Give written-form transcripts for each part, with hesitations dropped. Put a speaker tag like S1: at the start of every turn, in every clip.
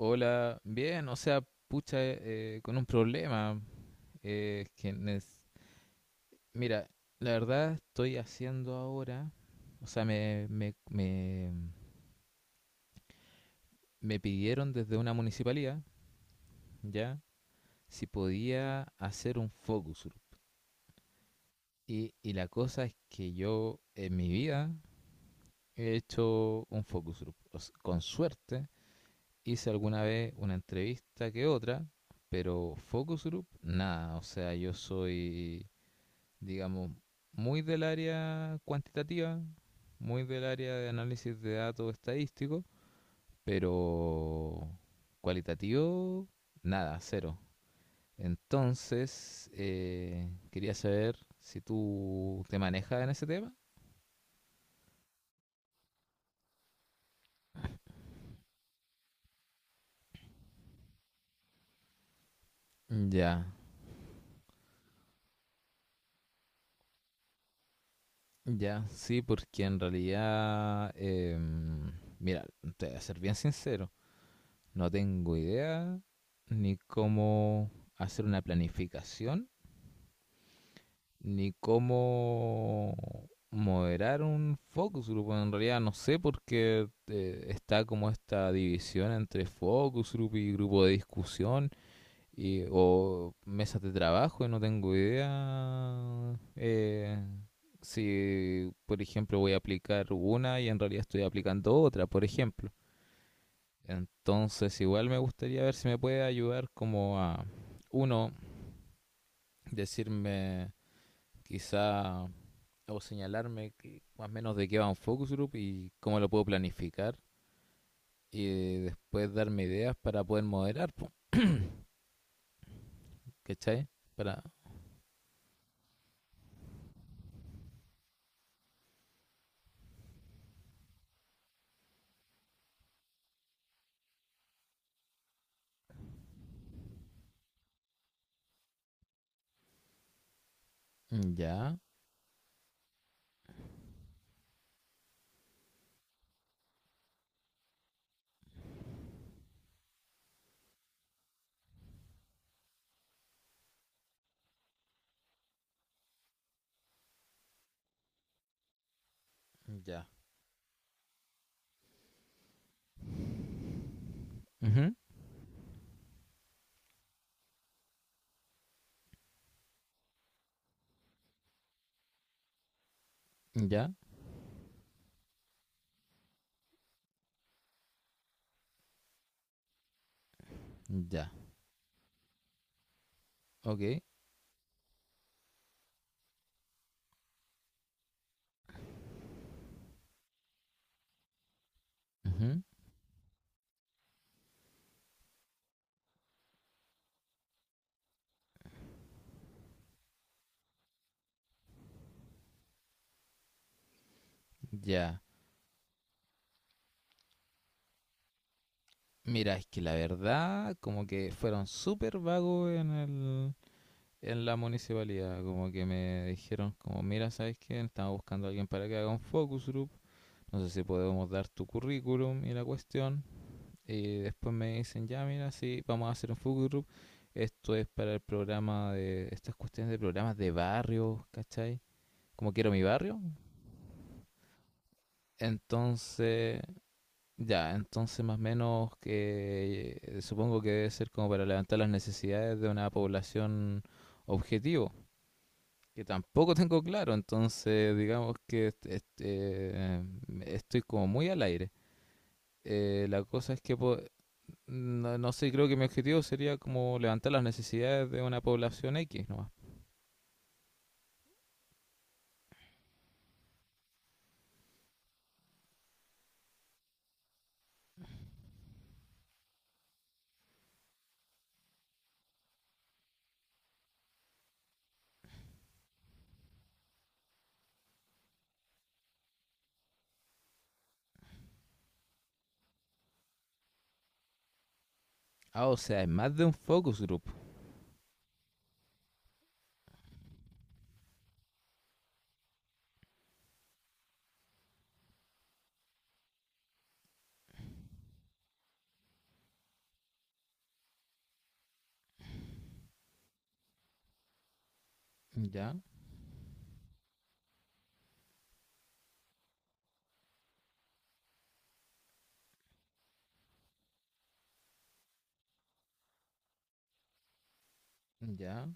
S1: Hola, bien, o sea, pucha, con un problema. eh, que nes- Mira, la verdad estoy haciendo ahora, o sea, me pidieron desde una municipalidad, ¿ya? Si podía hacer un focus group. Y la cosa es que yo en mi vida he hecho un focus group. Con suerte hice alguna vez una entrevista que otra, pero focus group, nada, o sea, yo soy, digamos, muy del área cuantitativa, muy del área de análisis de datos estadísticos, pero cualitativo, nada, cero. Entonces, quería saber si tú te manejas en ese tema. Ya, ya, sí, porque en realidad, mira, te voy a ser bien sincero, no tengo idea ni cómo hacer una planificación ni cómo moderar un focus group. Bueno, en realidad no sé porque está como esta división entre focus group y grupo de discusión y, o mesas de trabajo y no tengo idea si, por ejemplo, voy a aplicar una y en realidad estoy aplicando otra, por ejemplo. Entonces igual me gustaría ver si me puede ayudar como a, uno, decirme quizá o señalarme más o menos de qué va un focus group y cómo lo puedo planificar y después darme ideas para poder moderar, po, ¿cachai? Para... mm, ya, ya. Ujú, ya, ya. Ok. Ujú, ya. Mira, es que la verdad, como que fueron súper vagos en el, en la municipalidad, como que me dijeron, como, mira, ¿sabes qué? Estamos buscando a alguien para que haga un focus group, no sé si podemos dar tu currículum y la cuestión, y después me dicen, ya mira, sí, vamos a hacer un focus group. Esto es para el programa de, estas cuestiones de programas de barrio, ¿cachai? Como quiero mi barrio. Entonces, ya, entonces más o menos que supongo que debe ser como para levantar las necesidades de una población objetivo, que tampoco tengo claro, entonces digamos que estoy como muy al aire. La cosa es que no, no sé, creo que mi objetivo sería como levantar las necesidades de una población X nomás. Ah, o sea, es más de un focus group. Ya, ya.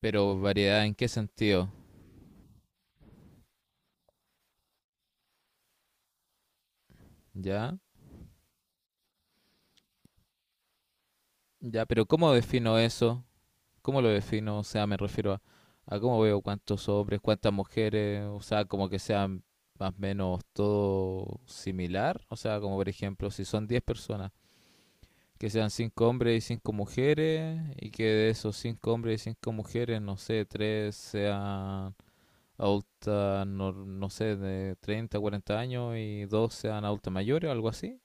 S1: Pero variedad, ¿en qué sentido? Ya, ya, pero ¿cómo defino eso? ¿Cómo lo defino? O sea, me refiero a, cómo veo cuántos hombres, cuántas mujeres, o sea, como que sean más o menos todo similar. O sea, como por ejemplo, si son 10 personas, que sean cinco hombres y cinco mujeres y que de esos cinco hombres y cinco mujeres, no sé, tres sean adultas, no, no sé, de 30, 40 años y dos sean adultas mayores o algo así.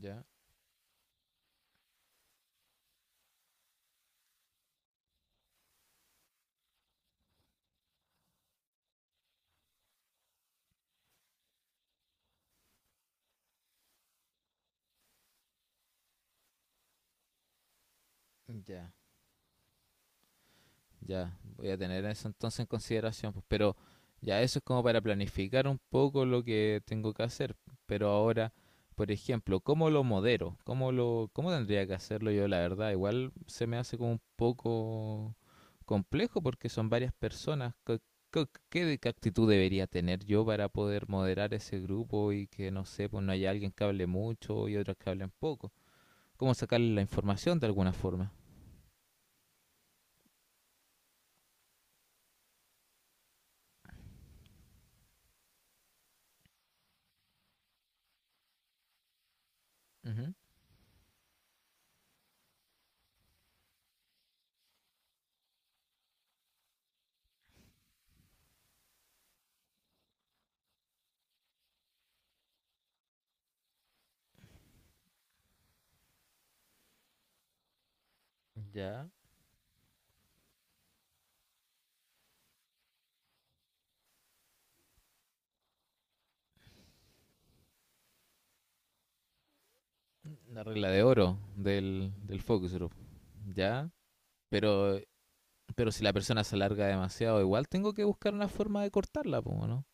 S1: Ya, ya. Ya, voy a tener eso entonces en consideración, pues, pero ya eso es como para planificar un poco lo que tengo que hacer. Pero ahora, por ejemplo, ¿cómo lo modero? ¿ Cómo tendría que hacerlo yo? La verdad, igual se me hace como un poco complejo porque son varias personas. ¿ Qué actitud debería tener yo para poder moderar ese grupo y que, no sé, pues no haya alguien que hable mucho y otros que hablen poco? ¿Cómo sacarle la información de alguna forma? Ujú. Ya. La regla de oro del focus group. Ya, pero, pero si la persona se alarga demasiado, igual tengo que buscar una forma de cortarla, po, ¿no?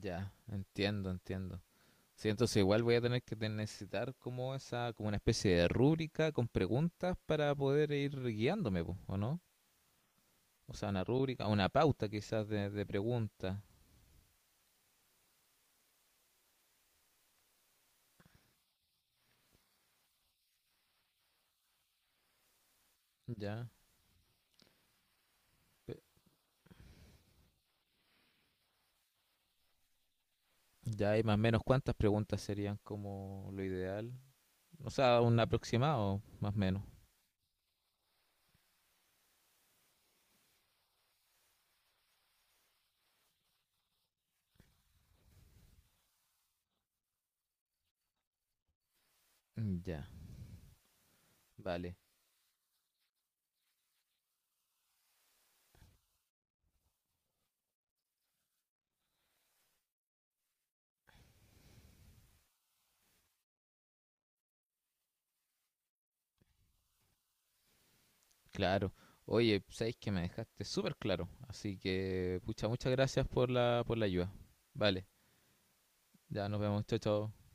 S1: Ya, entiendo, entiendo. Sí, entonces igual voy a tener que necesitar como esa, como una especie de rúbrica con preguntas para poder ir guiándome, po, ¿o no? O sea, una rúbrica, una pauta quizás de preguntas. Ya. pe- Ya hay más o menos cuántas preguntas serían como lo ideal. O sea, un aproximado, más o menos. Ya, vale. Claro. Oye, sabéis que me dejaste súper claro. Así que, pucha, muchas gracias por la, ayuda. Vale, ya nos vemos. Chao, chao.